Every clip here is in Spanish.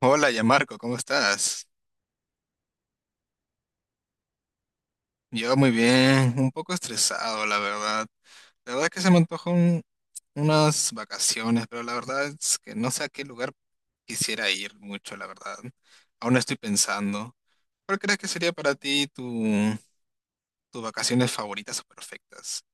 Hola, ya Marco, ¿cómo estás? Yo muy bien, un poco estresado, la verdad. La verdad es que se me antojan unas vacaciones, pero la verdad es que no sé a qué lugar quisiera ir mucho, la verdad. Aún no estoy pensando. ¿Cuál crees que sería para ti tus vacaciones favoritas o perfectas?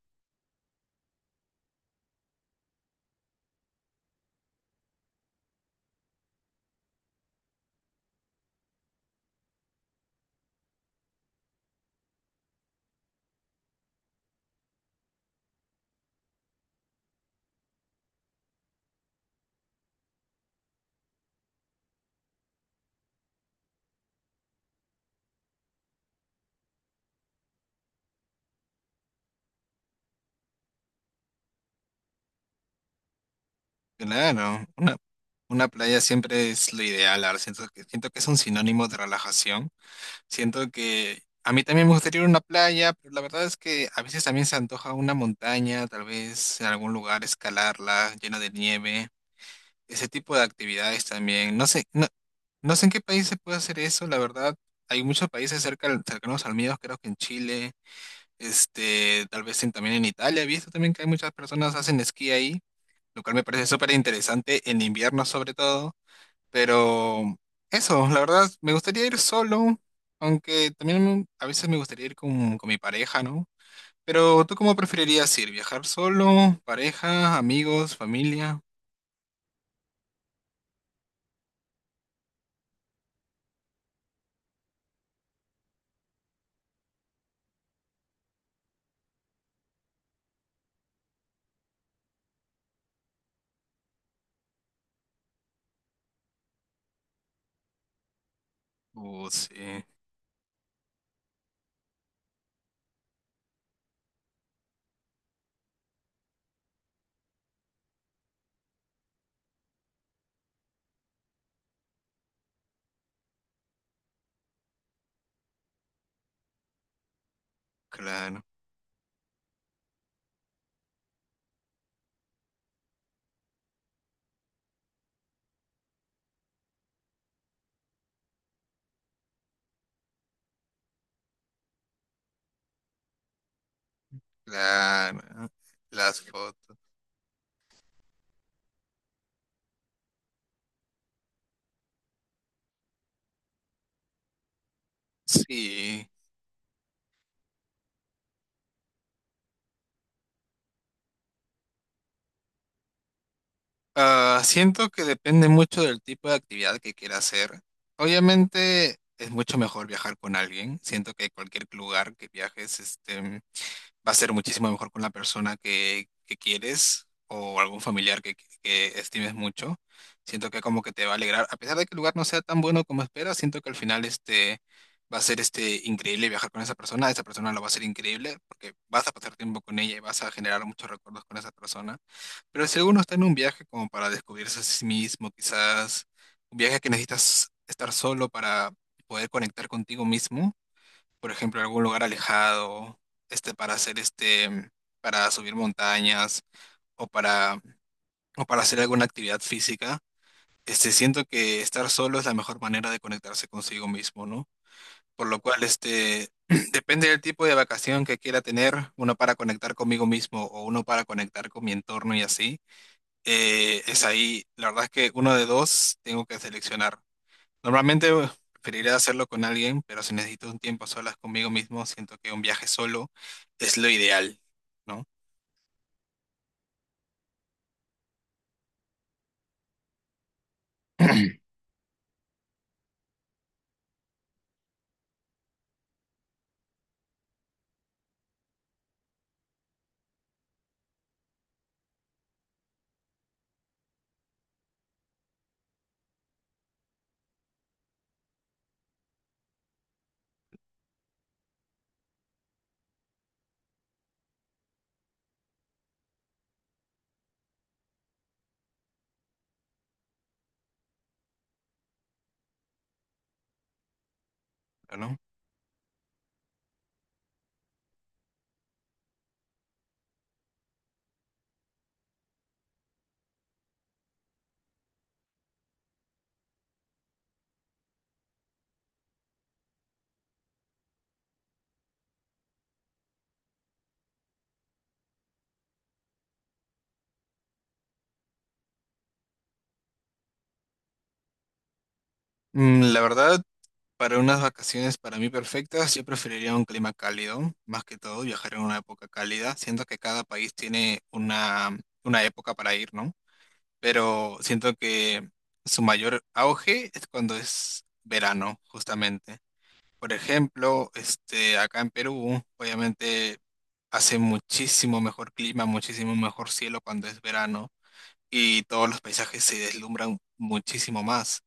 Claro, una playa siempre es lo ideal, ahora siento que es un sinónimo de relajación. Siento que a mí también me gustaría ir a una playa, pero la verdad es que a veces también se antoja una montaña, tal vez en algún lugar escalarla, llena de nieve, ese tipo de actividades también. No sé, no, no sé en qué país se puede hacer eso, la verdad. Hay muchos países cerca, cercanos al mío, creo que en Chile, este, tal vez también en Italia. He visto también que hay muchas personas hacen esquí ahí, lo cual me parece súper interesante en invierno sobre todo. Pero eso, la verdad, me gustaría ir solo, aunque también a veces me gustaría ir con mi pareja, ¿no? Pero ¿tú cómo preferirías ir? ¿Viajar solo, pareja, amigos, familia? Sí, claro, claro. ¿No? Las fotos. Sí. Siento que depende mucho del tipo de actividad que quiera hacer. Obviamente es mucho mejor viajar con alguien. Siento que cualquier lugar que viajes, este, va a ser muchísimo mejor con la persona que quieres o algún familiar que estimes mucho. Siento que como que te va a alegrar, a pesar de que el lugar no sea tan bueno como esperas, siento que al final este va a ser este increíble viajar con esa persona lo va a ser increíble porque vas a pasar tiempo con ella y vas a generar muchos recuerdos con esa persona. Pero si alguno está en un viaje como para descubrirse a sí mismo, quizás un viaje que necesitas estar solo para poder conectar contigo mismo, por ejemplo, algún lugar alejado, este, para hacer este, para subir montañas o para, o para hacer alguna actividad física, este, siento que estar solo es la mejor manera de conectarse consigo mismo, ¿no? Por lo cual, este, depende del tipo de vacación que quiera tener, uno para conectar conmigo mismo o uno para conectar con mi entorno y así, es ahí, la verdad es que uno de dos tengo que seleccionar. Normalmente preferiría hacerlo con alguien, pero si necesito un tiempo a solas conmigo mismo, siento que un viaje solo es lo ideal, ¿no? Pero no. Mm, la verdad, para unas vacaciones para mí perfectas, yo preferiría un clima cálido, más que todo viajar en una época cálida. Siento que cada país tiene una época para ir, ¿no? Pero siento que su mayor auge es cuando es verano, justamente. Por ejemplo, este, acá en Perú, obviamente hace muchísimo mejor clima, muchísimo mejor cielo cuando es verano y todos los paisajes se deslumbran muchísimo más.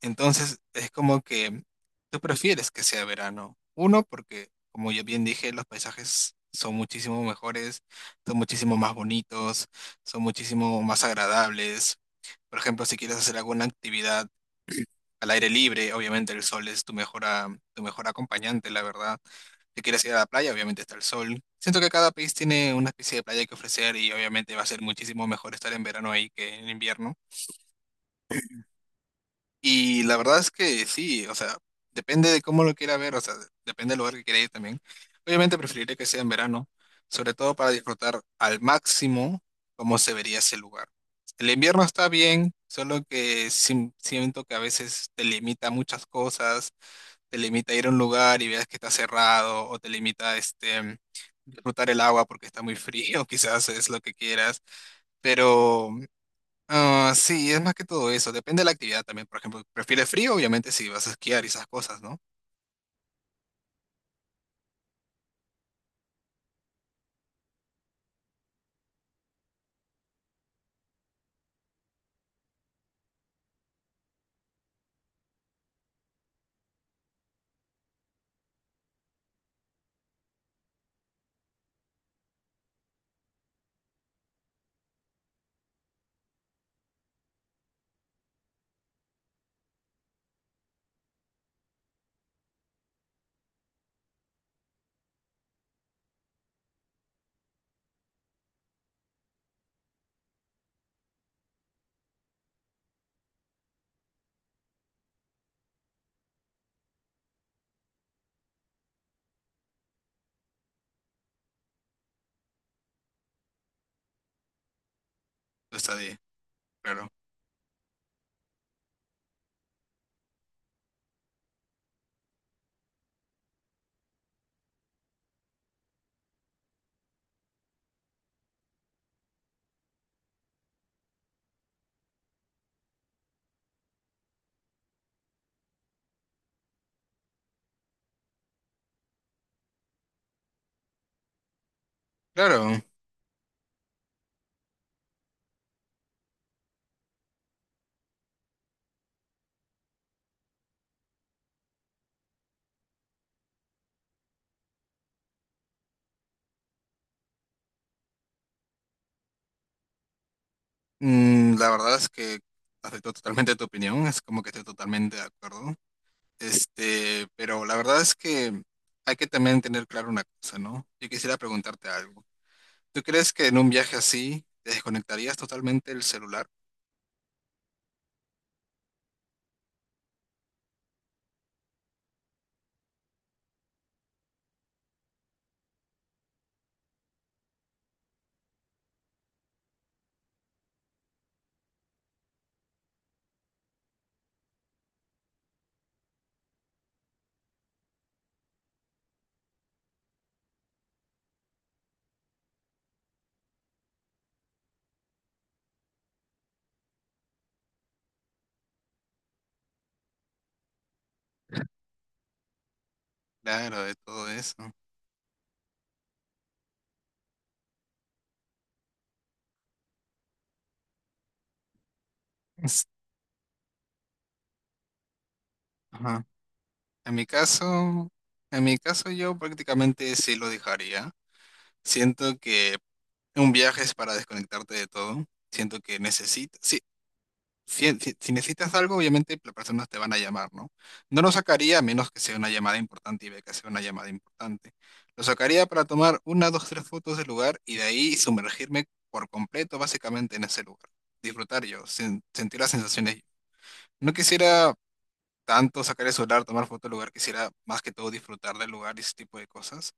Entonces, es como que tú prefieres que sea verano. Uno, porque, como ya bien dije, los paisajes son muchísimo mejores, son muchísimo más bonitos, son muchísimo más agradables. Por ejemplo, si quieres hacer alguna actividad al aire libre, obviamente el sol es tu mejor, tu mejor acompañante, la verdad. Si quieres ir a la playa, obviamente está el sol. Siento que cada país tiene una especie de playa que ofrecer y obviamente va a ser muchísimo mejor estar en verano ahí que en invierno. Y la verdad es que sí, o sea, depende de cómo lo quiera ver, o sea, depende del lugar que quiera ir también. Obviamente preferiré que sea en verano, sobre todo para disfrutar al máximo cómo se vería ese lugar. El invierno está bien, solo que siento que a veces te limita muchas cosas, te limita a ir a un lugar y veas que está cerrado, o te limita este, disfrutar el agua porque está muy frío, quizás es lo que quieras, pero sí, es más que todo eso, depende de la actividad también, por ejemplo, ¿prefieres frío? Obviamente si vas a esquiar y esas cosas, ¿no? Tú está de, claro, claro. Mm, la verdad es que acepto totalmente tu opinión, es como que estoy totalmente de acuerdo, este, pero la verdad es que hay que también tener claro una cosa, ¿no? Yo quisiera preguntarte algo. ¿Tú crees que en un viaje así te desconectarías totalmente el celular? Claro, de todo eso. Es- ajá. En mi caso, en mi caso, yo prácticamente sí lo dejaría. Siento que un viaje es para desconectarte de todo. Siento que necesitas. Sí, si necesitas algo, obviamente las personas te van a llamar, ¿no? No lo sacaría a menos que sea una llamada importante y vea que sea una llamada importante. Lo sacaría para tomar una, dos, tres fotos del lugar y de ahí sumergirme por completo, básicamente, en ese lugar. Disfrutar yo, sentir las sensaciones. No quisiera tanto sacar el celular, tomar fotos del lugar, quisiera más que todo disfrutar del lugar y ese tipo de cosas.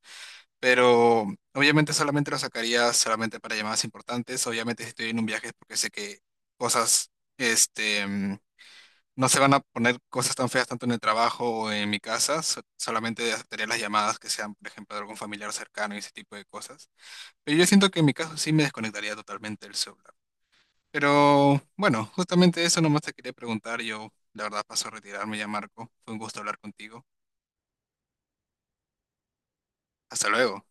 Pero obviamente solamente lo sacaría solamente para llamadas importantes. Obviamente si estoy en un viaje es porque sé que cosas este, no se van a poner cosas tan feas tanto en el trabajo o en mi casa, solamente aceptaría las llamadas que sean, por ejemplo, de algún familiar cercano y ese tipo de cosas. Pero yo siento que en mi caso sí me desconectaría totalmente del celular. Pero bueno, justamente eso nomás te quería preguntar. Yo, la verdad, paso a retirarme ya, Marco. Fue un gusto hablar contigo. Hasta luego.